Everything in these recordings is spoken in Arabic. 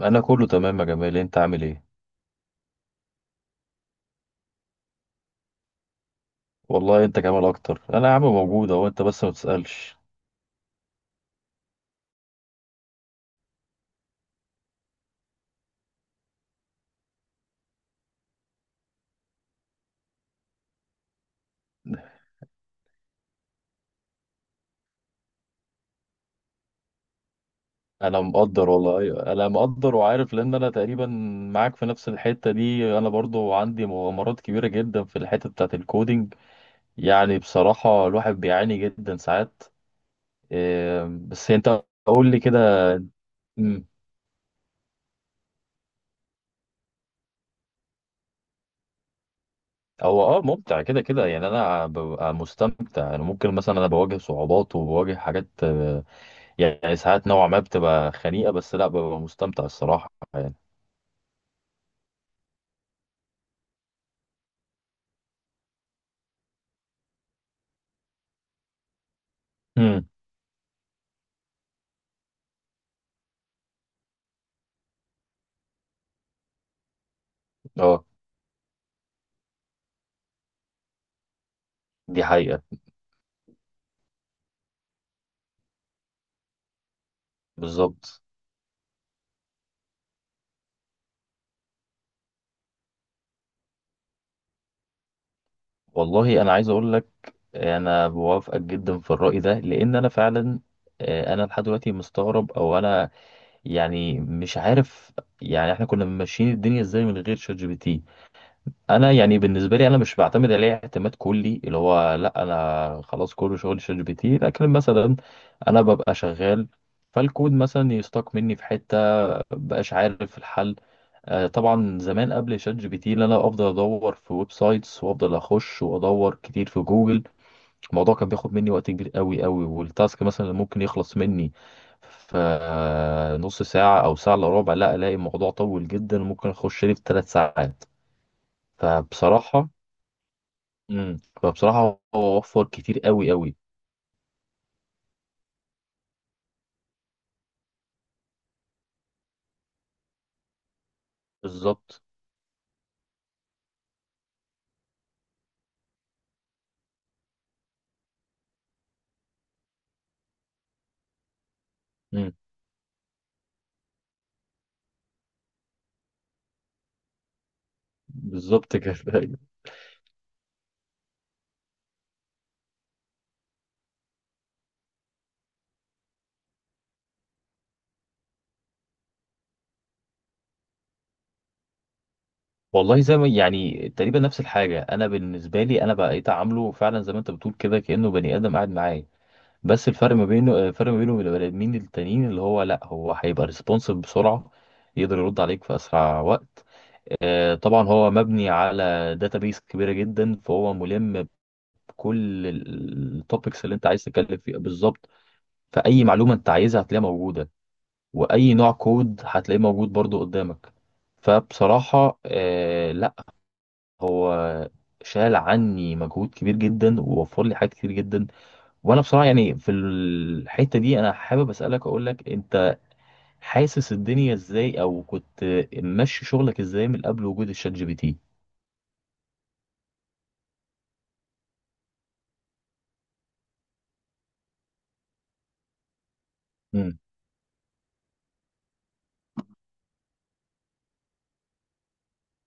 انا كله تمام يا جمال، انت عامل ايه؟ والله انت جمال اكتر. انا يا عم موجود اهو، انت بس ما تسالش. انا مقدر والله، أيوة. انا مقدر وعارف، لان انا تقريبا معاك في نفس الحته دي. انا برضو عندي مغامرات كبيره جدا في الحته بتاعت الكودينج. يعني بصراحه الواحد بيعاني جدا ساعات. إيه، بس انت قول لي كده. مم. هو ممتع كده كده، يعني انا ببقى مستمتع. انا ممكن مثلا انا بواجه صعوبات وبواجه حاجات، يعني ساعات نوعا ما بتبقى خنيقة، بس لا ببقى مستمتع الصراحة يعني. امم اه، دي حقيقة. بالظبط. والله انا عايز اقول لك، انا بوافقك جدا في الرأي ده، لان انا فعلا انا لحد دلوقتي مستغرب، او انا يعني مش عارف. يعني احنا كنا ماشيين الدنيا ازاي من غير شات جي بي تي؟ انا يعني بالنسبه لي انا مش بعتمد عليه اعتماد كلي، اللي هو لا انا خلاص كل شغل شات جي بي تي، لكن مثلا انا ببقى شغال، فالكود مثلا يستاق مني في حته، مبقاش عارف الحل. طبعا زمان قبل شات جي بي تي اللي انا افضل ادور في ويب سايتس وافضل اخش وادور كتير في جوجل. الموضوع كان بياخد مني وقت كبير قوي قوي، والتاسك مثلا اللي ممكن يخلص مني في نص ساعة او ساعة الا ربع، لا الاقي الموضوع طويل جدا، ممكن اخش لي في ثلاث ساعات. فبصراحة. مم. فبصراحة هو وفر كتير قوي قوي. بالظبط. مم. بالظبط كده. والله زي ما يعني تقريبا نفس الحاجة. أنا بالنسبة لي أنا بقيت أعامله فعلا زي ما أنت بتقول كده، كأنه بني آدم قاعد معايا. بس الفرق ما بينه، الفرق ما بينه وبين البني آدمين التانيين، اللي هو لأ، هو هيبقى ريسبونسيف بسرعة، يقدر يرد عليك في أسرع وقت. طبعا هو مبني على داتابيس كبيرة جدا، فهو ملم بكل التوبكس اللي أنت عايز تتكلم فيها بالظبط. فأي معلومة أنت عايزها هتلاقيها موجودة، وأي نوع كود هتلاقيه موجود برضو قدامك. فبصراحة لا، هو شال عني مجهود كبير جدا ووفر لي حاجات كتير جدا. وانا بصراحه يعني في الحته دي انا حابب اسالك، اقول لك انت حاسس الدنيا ازاي، او كنت ماشي شغلك ازاي من قبل وجود الشات جي بي تي؟ امم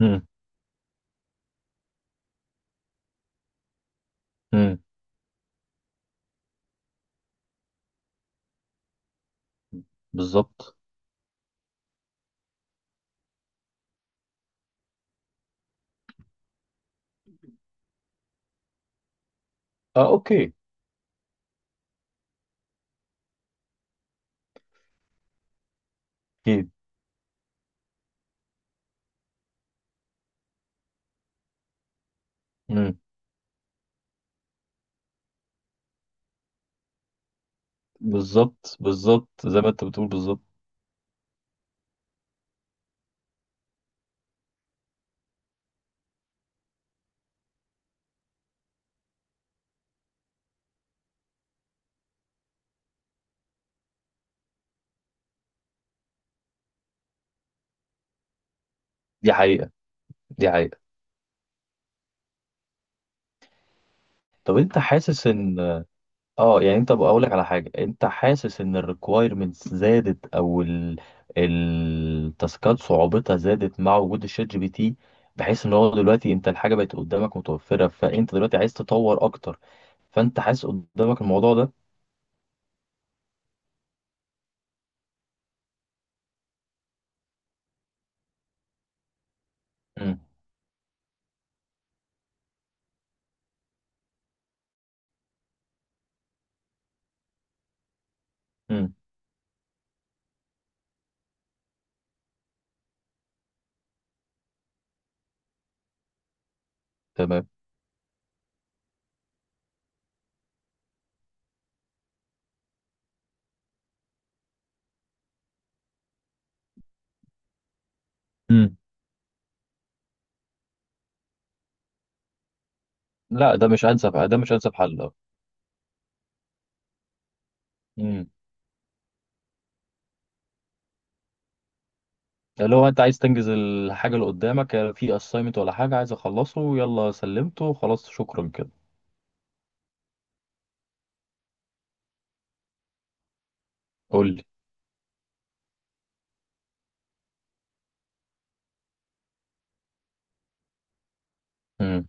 امم امم بالظبط. اه، اوكي. اكيد. امم بالظبط بالظبط زي ما انت بتقول بالظبط. دي حقيقه دي حقيقه. طب انت حاسس ان، اه يعني انت بقول لك على حاجه، انت حاسس ان الريكوايرمنتس زادت، او ال التاسكات صعوبتها زادت مع وجود الشات جي بي تي، بحيث ان هو دلوقتي انت الحاجه بقت قدامك متوفره، فانت دلوقتي عايز تطور اكتر. فانت حاسس قدامك الموضوع ده؟ امم امم تمام. امم لا، ده مش انسب، ده مش انسب حل، اه. امم اللي هو انت عايز تنجز الحاجه اللي قدامك، في اساينمنت ولا حاجه عايز اخلصه، يلا سلمته خلاص شكرا كده. قول لي. امم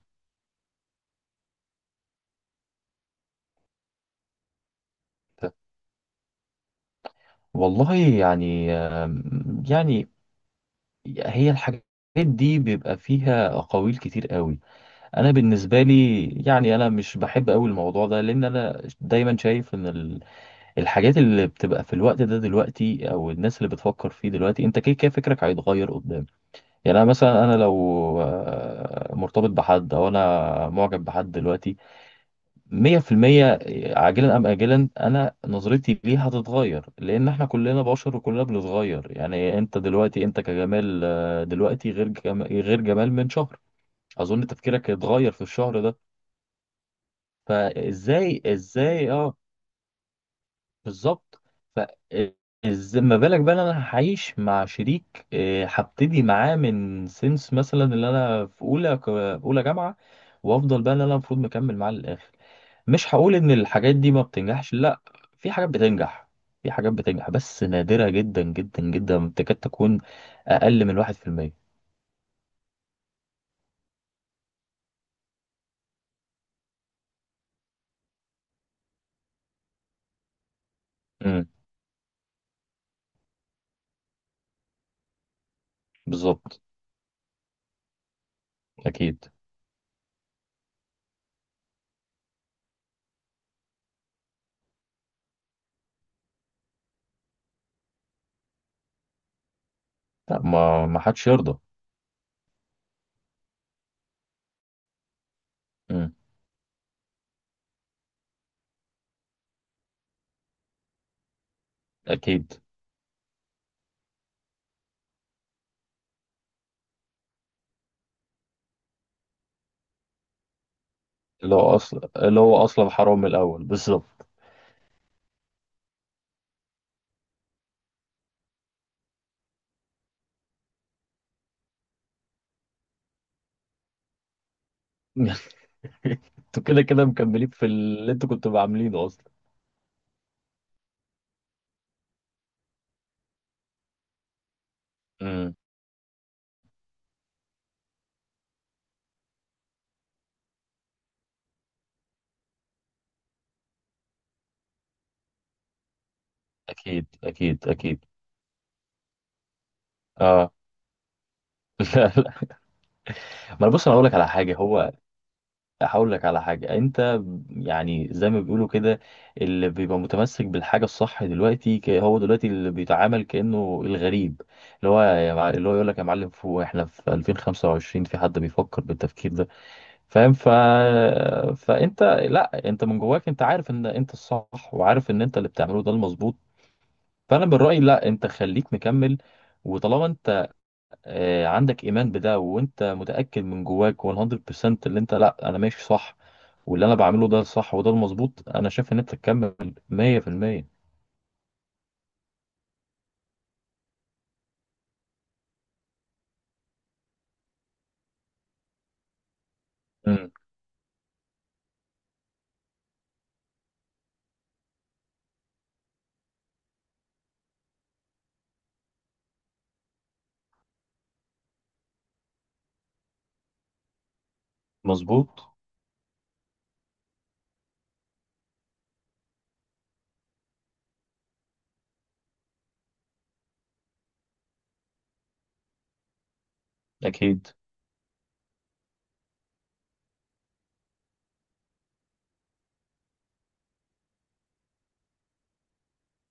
والله يعني يعني هي الحاجات دي بيبقى فيها أقاويل كتير قوي. أنا بالنسبة لي يعني أنا مش بحب قوي الموضوع ده، لأن أنا دايما شايف إن الحاجات اللي بتبقى في الوقت ده دلوقتي، أو الناس اللي بتفكر فيه دلوقتي، أنت كده كده فكرك هيتغير قدام. يعني أنا مثلا، أنا لو مرتبط بحد أو أنا معجب بحد دلوقتي مية في المية، عاجلا أم آجلا أنا نظرتي ليه هتتغير، لأن إحنا كلنا بشر وكلنا بنتغير. يعني أنت دلوقتي أنت كجمال، دلوقتي غير جمال من شهر. أظن تفكيرك اتغير في الشهر ده. فإزاي إزاي أه. بالظبط. فإزاي ما بالك بقى إن أنا هعيش مع شريك، هبتدي معاه من سنس مثلا اللي أنا في أولى، أولى جامعة، وأفضل بقى إن أنا المفروض مكمل معاه للآخر. مش هقول ان الحاجات دي ما بتنجحش، لا، في حاجات بتنجح، في حاجات بتنجح، بس نادرة جدا جدا جدا، تكاد تكون اقل من واحد في المية. امم بالظبط. اكيد. لا، ما ما حدش يرضى. امم اكيد. اللي هو اصلا، اللي هو اصلا حرام من الاول بالظبط. انتوا كده كده مكملين في اللي انتوا كنتوا عاملينه اصلا. امم اكيد اكيد اكيد. اه. لا لا. ما أنا بص، انا اقول لك على حاجه، هقول لك على حاجة انت، يعني زي ما بيقولوا كده، اللي بيبقى متمسك بالحاجة الصح دلوقتي، هو دلوقتي اللي بيتعامل كأنه الغريب. اللي هو يقول لك يا معلم فوق، احنا في 2025، في حد بيفكر بالتفكير ده؟ فاهم فانت لا، انت من جواك انت عارف ان انت الصح، وعارف ان انت اللي بتعمله ده المظبوط. فانا من رأيي لا، انت خليك مكمل. وطالما انت عندك ايمان بده، وانت متاكد من جواك 100%، اللي انت لا انا ماشي صح، واللي انا بعمله ده الصح وده المظبوط، انا شايف ان انت تكمل 100%. امم مظبوط. اكيد.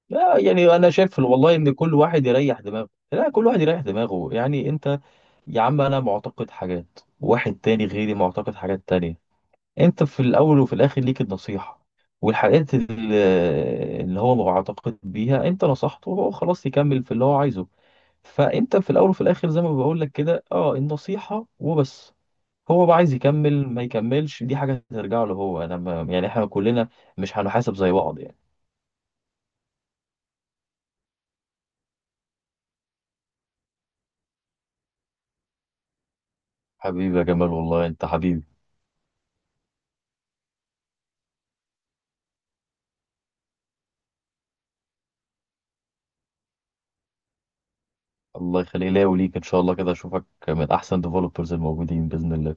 لا يعني انا شايف والله ان كل واحد يريح دماغه، لا كل واحد يريح دماغه، يعني انت يا عم انا معتقد حاجات، واحد تاني غيري معتقد حاجات تانية. انت في الاول وفي الاخر ليك النصيحة، والحاجات اللي هو معتقد بيها انت نصحته، وهو خلاص يكمل في اللي هو عايزه. فانت في الاول وفي الاخر زي ما بقول لك كده، اه النصيحه وبس. هو بقى عايز يكمل ما يكملش، دي حاجه ترجع له هو، انا ما، يعني احنا كلنا مش هنحاسب زي بعض يعني. حبيبي يا جمال، والله انت حبيبي. الله يخليك ليا وليك ان شاء الله، كده اشوفك من احسن ديفلوبرز الموجودين باذن الله.